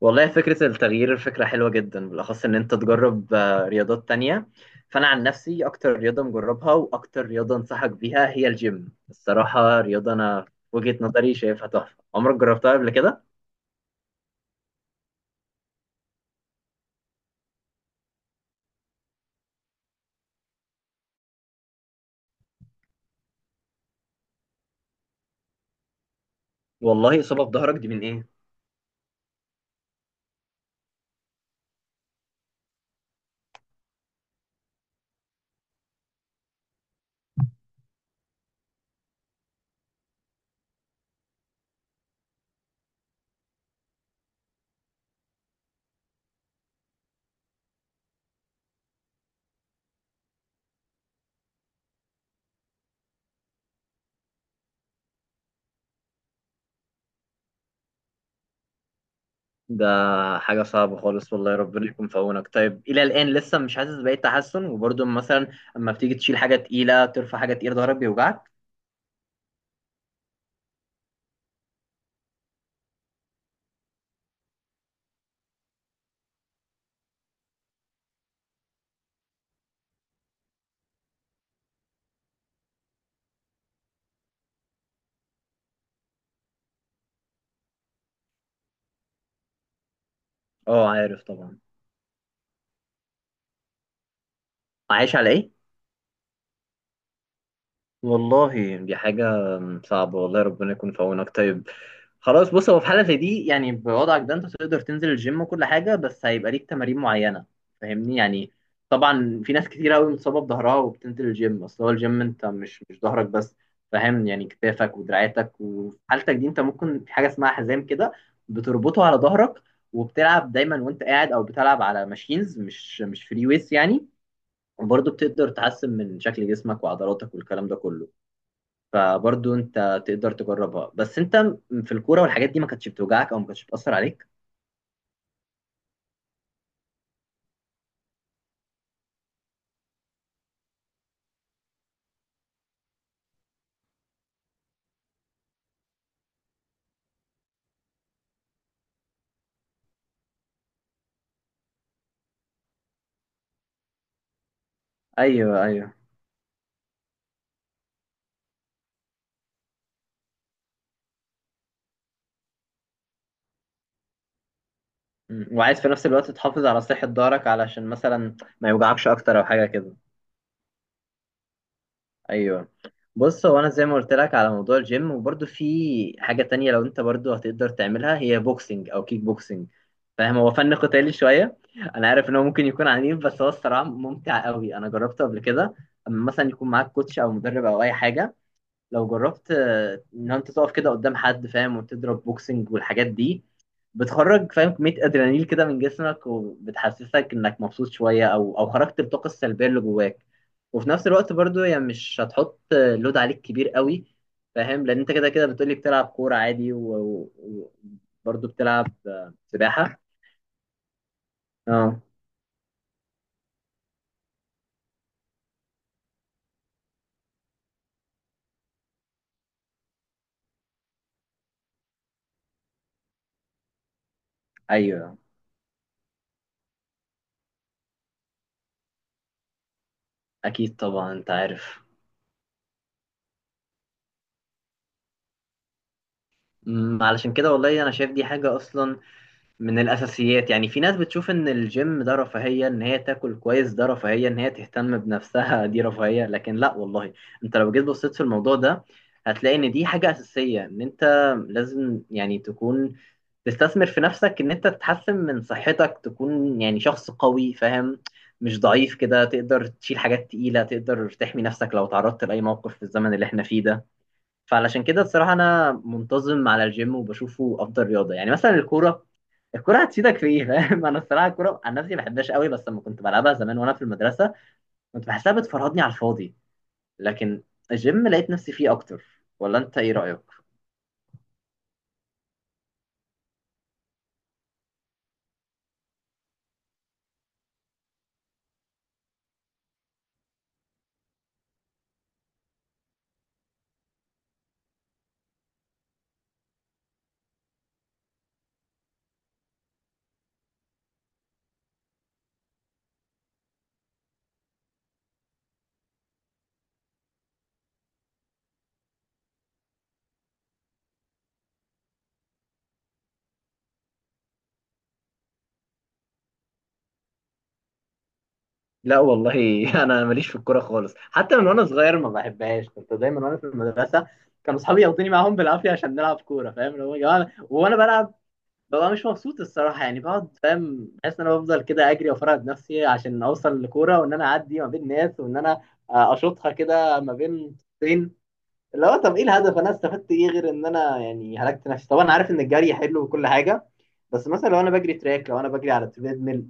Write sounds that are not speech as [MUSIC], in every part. والله فكرة التغيير فكرة حلوة جدا، بالأخص إن أنت تجرب رياضات تانية. فأنا عن نفسي أكتر رياضة مجربها وأكتر رياضة أنصحك بيها هي الجيم. الصراحة رياضة أنا في وجهة نظري شايفها تحفة. عمرك جربتها قبل كده؟ والله إصابة في ظهرك دي من إيه؟ ده حاجة صعبة خالص، والله ربنا يكون في عونك. طيب إلى الآن لسه مش حاسس بأي تحسن؟ وبرضه مثلا أما بتيجي تشيل حاجة تقيلة ترفع حاجة تقيلة ظهرك بيوجعك؟ أه عارف طبعا. عايش على إيه؟ والله دي حاجة صعبة، والله ربنا يكون في عونك. طيب خلاص، بص، هو في حالة زي دي يعني بوضعك ده انت تقدر تنزل الجيم وكل حاجة، بس هيبقى ليك تمارين معينة. فاهمني يعني؟ طبعا في ناس كتير قوي مصابة بظهرها وبتنزل الجيم. اصل هو الجيم انت مش ظهرك بس، فاهم يعني؟ كتافك ودراعاتك. وفي حالتك دي انت ممكن في حاجة اسمها حزام كده بتربطه على ظهرك وبتلعب دايما وانت قاعد، او بتلعب على ماشينز مش فري ويس يعني. وبرضه بتقدر تحسن من شكل جسمك وعضلاتك والكلام ده كله. فبرضو انت تقدر تجربها. بس انت في الكوره والحاجات دي ما كانتش بتوجعك او ما كانتش بتاثر عليك؟ ايوه ايوه. وعايز في نفس الوقت تحافظ على صحه ظهرك علشان مثلا ما يوجعكش اكتر او حاجه كده. ايوه. بص، هو انا زي ما قلت لك على موضوع الجيم، وبرضو في حاجه تانية لو انت برضو هتقدر تعملها، هي بوكسنج او كيك بوكسنج. فاهم؟ هو فن قتالي شويه. انا عارف ان هو ممكن يكون عنيف، بس هو الصراحه ممتع قوي. انا جربته قبل كده، اما مثلا يكون معاك كوتش او مدرب او اي حاجه. لو جربت ان انت تقف كده قدام حد، فاهم، وتضرب بوكسنج والحاجات دي، بتخرج، فاهم، كمية ادرينالين كده من جسمك، وبتحسسك انك مبسوط شوية، او او خرجت الطاقة السلبية اللي جواك. وفي نفس الوقت برضو يعني مش هتحط لود عليك كبير قوي، فاهم؟ لان انت كده كده بتقولي بتلعب كورة عادي وبرضو بتلعب سباحة. اه. ايوه اكيد طبعا، انت عارف. علشان كده والله انا شايف دي حاجة اصلا من الأساسيات. يعني في ناس بتشوف إن الجيم ده رفاهية، إن هي تاكل كويس ده رفاهية، إن هي تهتم بنفسها [LAUGHS] دي رفاهية. لكن لا والله، أنت لو جيت بصيت في الموضوع ده هتلاقي إن دي حاجة أساسية. إن أنت لازم يعني تكون تستثمر في نفسك، إن أنت تتحسن من صحتك، تكون يعني شخص قوي، فاهم؟ مش ضعيف كده. تقدر تشيل حاجات تقيلة، تقدر تحمي نفسك لو تعرضت لأي موقف في الزمن اللي إحنا فيه ده. فعلشان كده الصراحة أنا منتظم على الجيم، وبشوفه أفضل رياضة. يعني مثلا الكورة، الكورة هتفيدك في إيه؟ فاهم؟ [LAUGHS] أنا الصراحة الكورة عن نفسي ما بحبهاش قوي. بس لما كنت بلعبها زمان وأنا في المدرسة كنت بحسها بتفرهدني على الفاضي. لكن الجيم لقيت نفسي فيه أكتر. ولا أنت إيه رأيك؟ لا والله، [LAUGHS] أنا ماليش في الكورة خالص، حتى من وأنا صغير ما بحبهاش. كنت دايما وأنا في المدرسة كانوا أصحابي ياخدوني معاهم بالعافية عشان نلعب كورة، فاهم، اللي هو يا جماعة. وأنا بلعب ببقى مش مبسوط الصراحه، يعني بقعد، فاهم، حاسس ان انا بفضل كده اجري وافرهد نفسي عشان اوصل لكوره، وان انا اعدي ما بين ناس، وان انا اشوطها كده ما بين طين. اللي هو طب ايه الهدف؟ انا استفدت ايه غير ان انا يعني هلكت نفسي؟ طبعا انا عارف ان الجري حلو وكل حاجه، بس مثلا لو انا بجري تراك، لو انا بجري على تريد ميل،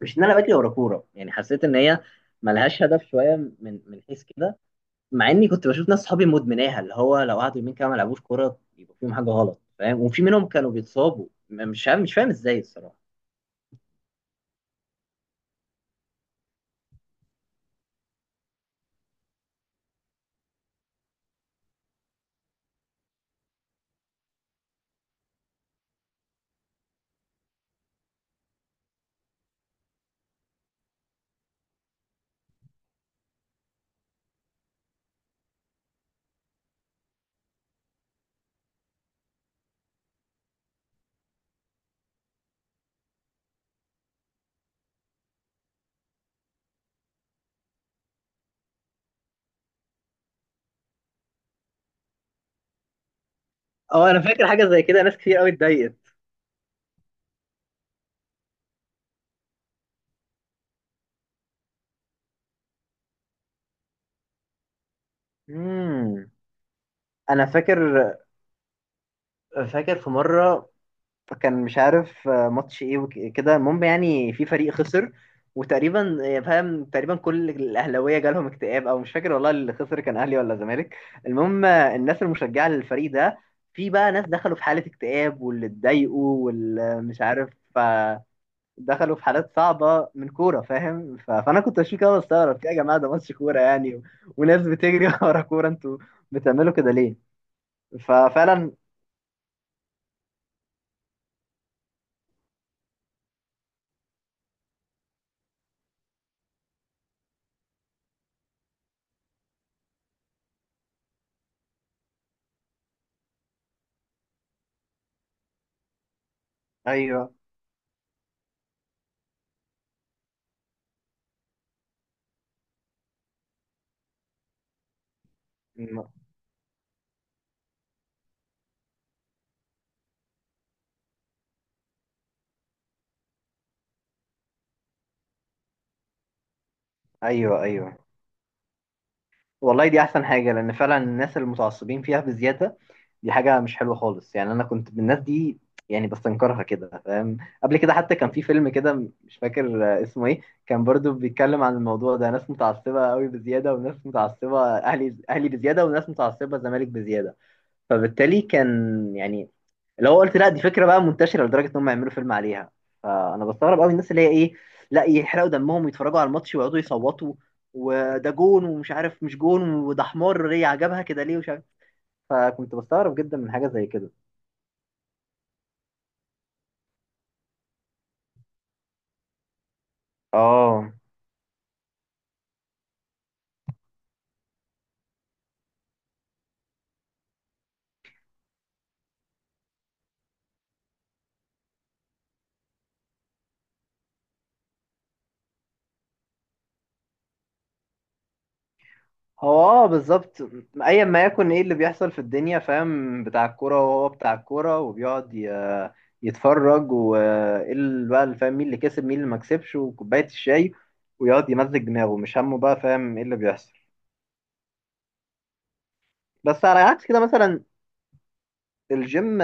مش ان انا بجري ورا كوره. يعني حسيت ان هي ملهاش هدف شويه من من حيث كده. مع اني كنت بشوف ناس صحابي مدمناها، اللي هو لو قعدوا يومين كده ما لعبوش كوره يبقى فيهم حاجه غلط، فاهم؟ وفي منهم كانوا بيتصابوا مش فاهم مش فاهم ازاي الصراحه. اه انا فاكر حاجه زي كده، ناس كتير قوي اتضايقت. امم. انا فاكر. فاكر في مره فكان مش عارف ماتش ايه وكده، المهم يعني في فريق خسر. وتقريبا فاهم، تقريبا كل الاهلاويه جالهم اكتئاب، او مش فاكر والله اللي خسر كان اهلي ولا زمالك. المهم الناس المشجعه للفريق ده، في بقى ناس دخلوا في حاله اكتئاب، واللي اتضايقوا، واللي مش عارف آه، دخلوا في حالات صعبه من كوره، فاهم؟ فانا كنت اشوف كده بستغرب، يا جماعه ده ماتش كوره يعني، وناس بتجري [LAUGHS] ورا كوره، انتوا بتعملوا كده ليه؟ ففعلا. ايوه ايوه. ايوه والله دي احسن حاجه، لان فعلا الناس المتعصبين فيها بزياده. دي حاجه مش حلوه خالص. يعني انا كنت من الناس دي، يعني بستنكرها كده، فاهم؟ قبل كده حتى كان في فيلم كده، مش فاكر اسمه ايه، كان برضو بيتكلم عن الموضوع ده، ناس متعصبه قوي بزياده، وناس متعصبه اهلي اهلي بزياده، وناس متعصبه زمالك بزياده. فبالتالي كان يعني، لو قلت لا دي فكره بقى منتشره لدرجه ان هم يعملوا فيلم عليها. فانا بستغرب قوي الناس اللي هي ايه، لا يحرقوا دمهم ويتفرجوا على الماتش ويقعدوا يصوتوا، وده جون ومش عارف مش جون، وده حمار ليه عجبها كده ليه ومش عارف. فكنت بستغرب جدا من حاجه زي كده. اه. هو اه بالظبط، ايا ما يكن ايه اللي بيحصل في الدنيا، فاهم، بتاع الكوره وهو بتاع الكوره، وبيقعد يتفرج، وايه اللي بقى اللي، فاهم، مين اللي كسب مين اللي ما كسبش، وكوبايه الشاي، ويقعد يمزج دماغه، مش همه بقى فاهم ايه اللي بيحصل. بس على عكس كده مثلا الجيم،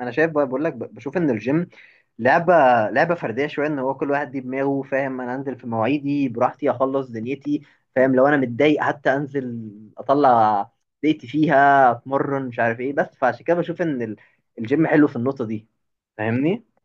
انا شايف بشوف ان الجيم لعبه لعبه فرديه شويه، ان هو كل واحد دي دماغه، فاهم؟ انا انزل في مواعيدي براحتي، اخلص دنيتي، فاهم، لو انا متضايق حتى انزل، اطلع ضيقتي فيها، اتمرن مش عارف ايه. بس فعشان كده بشوف ان الجيم حلو في النقطه دي. فاهمني؟